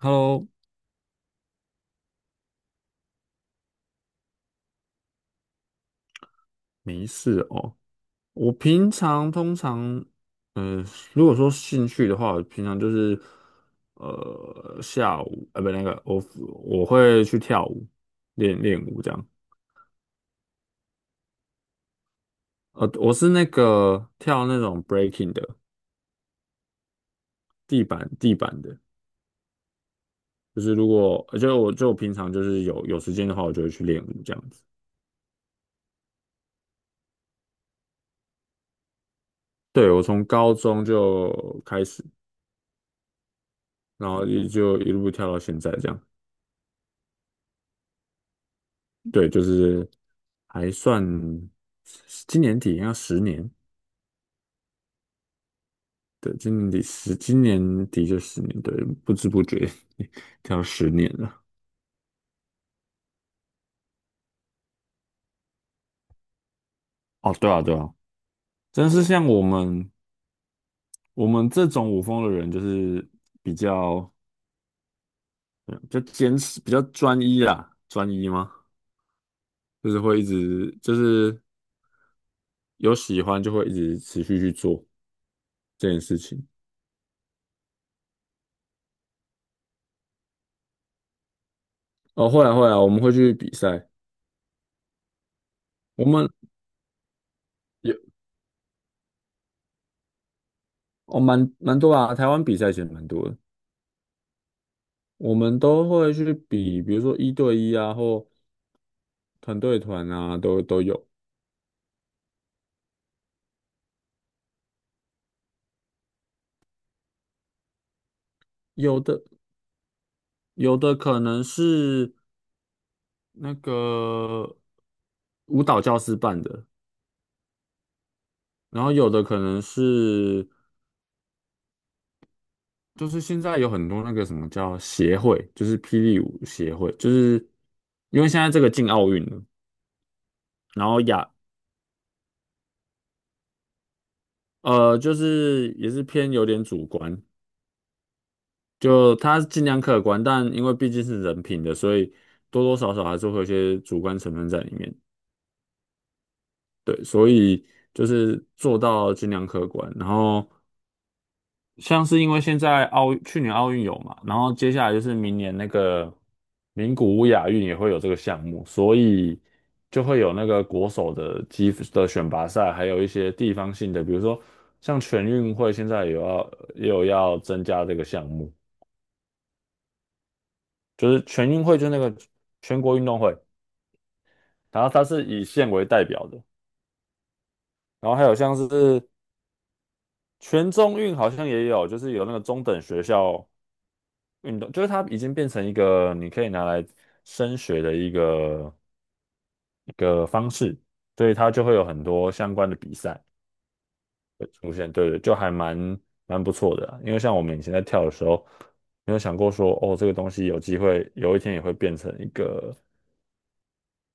Hello，没事哦。我平常通常，呃，如果说兴趣的话，我平常就是，呃，下午，呃，不，那个，我会去跳舞，练练舞这样。我是那个跳那种 breaking 的，地板的，就是如果，呃就我平常就是有时间的话，我就会去练舞这样子。对，我从高中就开始，然后也就一路跳到现在这样。对，就是还算今年底要十年，对，今年底十，今年底就十年，对，不知不觉 要十年了。哦，对啊，对啊，真是像我们这种舞风的人，就是比较嗯比较坚持，比较专一啦，专一吗？就是会一直就是有喜欢就会一直持续去做这件事情。哦，会啊会啊，我们会去比赛，我们有哦蛮多啊，台湾比赛其实蛮多的。我们都会去比，比如说一对一啊，或团队团啊，都有。有的有的可能是那个舞蹈教师办的，然后有的可能是就是现在有很多那个什么叫协会，就是霹雳舞协会，就是因为现在这个进奥运了，然后就是也是偏有点主观，就它尽量客观，但因为毕竟是人品的，所以多多少少还是会有一些主观成分在里面。对，所以就是做到军量可观。然后像是因为现在去年奥运有嘛，然后接下来就是明年那个名古屋亚运也会有这个项目，所以就会有那个国手的积的选拔赛，还有一些地方性的，比如说像全运会现在也要也有要增加这个项目，就是全运会就是那个全国运动会，然后它是以县为代表的。然后还有像是全中运好像也有，就是有那个中等学校运动，就是它已经变成一个你可以拿来升学的一个方式，所以它就会有很多相关的比赛会出现，对对，就还蛮不错的啊因为像我们以前在跳的时候，没有想过说哦，这个东西有机会有一天也会变成一个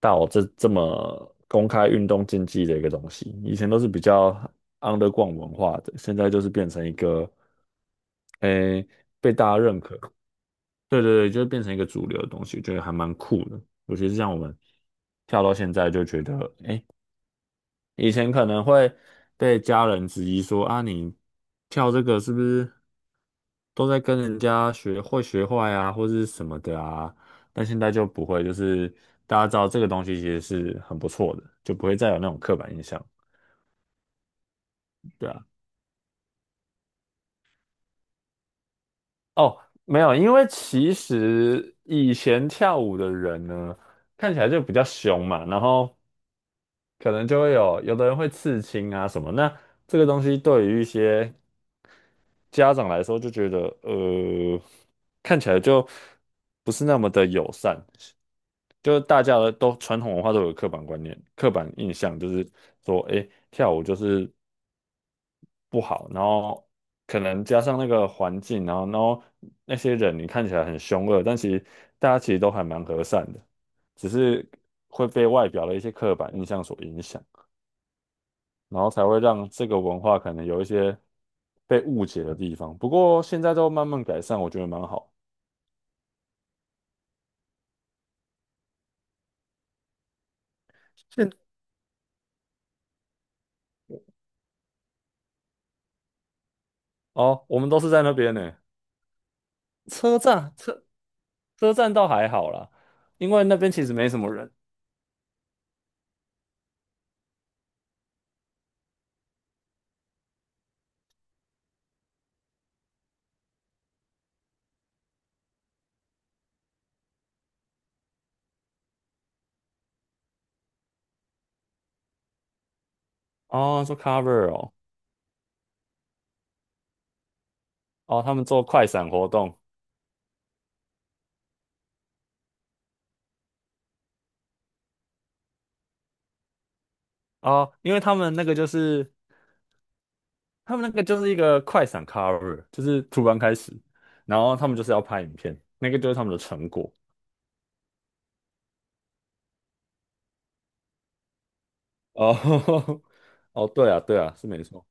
到这么公开运动竞技的一个东西，以前都是比较 underground 文化的，现在就是变成一个。诶、对对对，就会变成一个主流的东西，觉得还蛮酷的。尤其是像我们跳到现在，就觉得，哎，以前可能会被家人质疑说啊，你跳这个是不是都在跟人家学会学坏啊，或是什么的啊？但现在就不会，就是大家知道这个东西其实是很不错的，就不会再有那种刻板印象。对啊，哦，没有，因为其实以前跳舞的人呢，看起来就比较凶嘛，然后。可能就会有的人会刺青啊什么。那这个东西对于一些家长来说，就觉得看起来就不是那么的友善。就是大家的都传统文化都有刻板观念、刻板印象，就是说，哎，跳舞就是不好，然后可能加上那个环境，然后那些人你看起来很凶恶，但其实大家其实都还蛮和善的，只是会被外表的一些刻板印象所影响。然后才会让这个文化可能有一些被误解的地方。不过现在都慢慢改善，我觉得蛮好。现哦，我们都是在那边呢，车站车车站倒还好啦，因为那边其实没什么人。哦，做 cover 哦，哦，他们做快闪活动哦，因为他们那个就是一个快闪 cover，就是突然开始，然后他们就是要拍影片，那个就是他们的成果。哦，哦，对啊，对啊，是没错。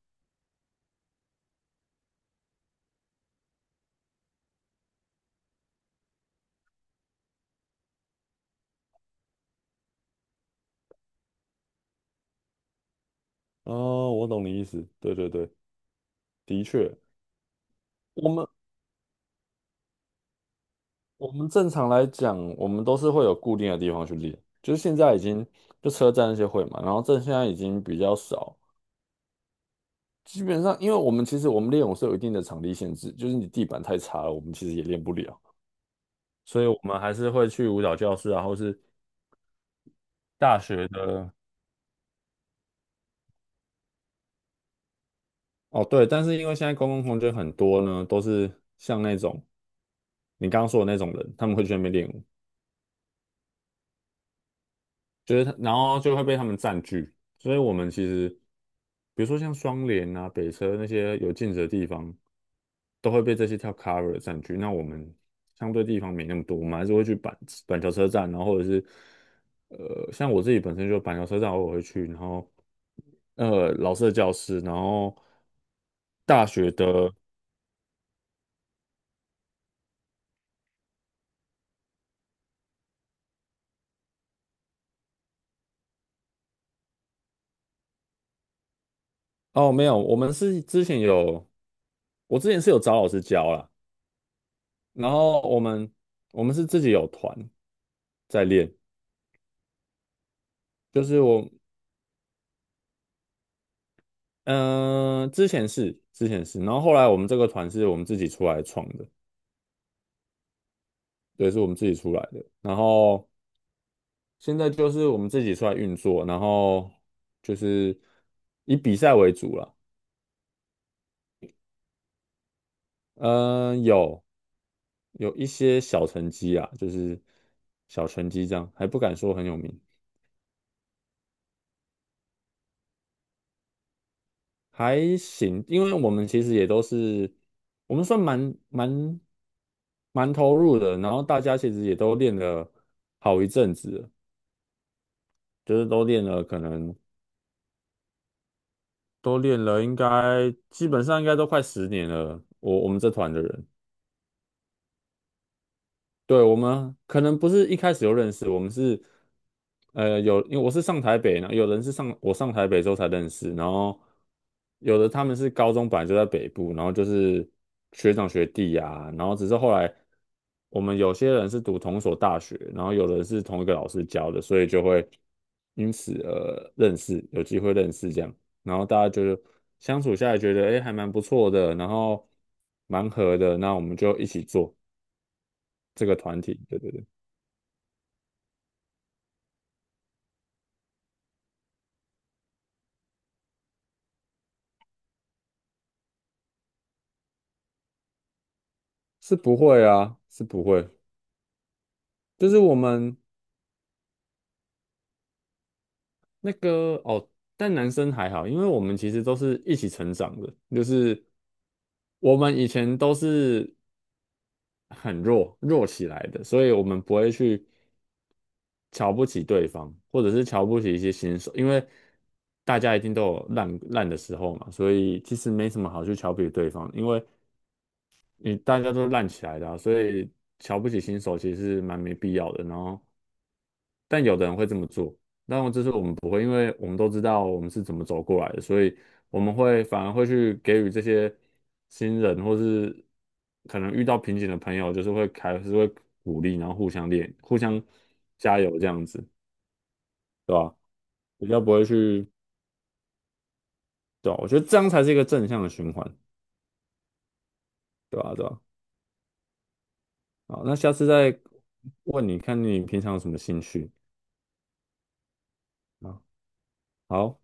哦，我懂你意思。对对对，的确，我们我们正常来讲，我们都是会有固定的地方去练，就是现在已经就车站那些会嘛，然后这现在已经比较少。基本上，因为我们练舞是有一定的场地限制，就是你地板太差了，我们其实也练不了，所以我们还是会去舞蹈教室啊，或是大学的。哦，对，但是因为现在公共空间很多呢，都是像那种你刚刚说的那种人，他们会去那边练舞。就是他，然后就会被他们占据。所以我们其实，比如说像双联啊、北车那些有镜子的地方，都会被这些跳 cover 占据。那我们相对地方没那么多，我们还是会去板桥车站，然后或者是像我自己本身就板桥车站偶尔会去，然后老师的教室，然后大学的哦没有，我们是之前有，我之前是有找老师教啦，然后我们是自己有团在练。就是我，嗯、之前是，然后后来我们这个团是我们自己出来创的，对，是我们自己出来的。然后现在就是我们自己出来运作，然后就是以比赛为主了。嗯、有有一些小成绩啊，就是小成绩这样，还不敢说很有名，还行，因为我们其实也都是我们算蛮投入的，然后大家其实也都练了好一阵子了就是都练了，可能都练了，应该基本上应该都快十年了。我们这团的人，对，我们可能不是一开始就认识，我们是因为我是上台北，呢，有人是上台北之后才认识，然后有的他们是高中本来就在北部，然后就是学长学弟啊，然后只是后来我们有些人是读同一所大学，然后有人是同一个老师教的，所以就会因此认识，有机会认识这样，然后大家就是相处下来觉得哎还蛮不错的，然后蛮合的，那我们就一起做这个团体，对对对，是不会啊，是不会。就是我们那个哦，但男生还好，因为我们其实都是一起成长的，就是我们以前都是很弱弱起来的，所以我们不会去瞧不起对方，或者是瞧不起一些新手，因为大家一定都有烂烂的时候嘛，所以其实没什么好去瞧不起对方，因为你大家都烂起来的啊所以瞧不起新手其实是蛮没必要的。然后，但有的人会这么做，但我这是我们不会，因为我们都知道我们是怎么走过来的，所以我们会反而会去给予这些新人或是可能遇到瓶颈的朋友，就是还是会鼓励，然后互相练、互相加油这样子，对吧？比较不会去，对吧？我觉得这样才是一个正向的循环，对吧？对吧？好，那下次再问你看你平常有什么兴趣。啊，好。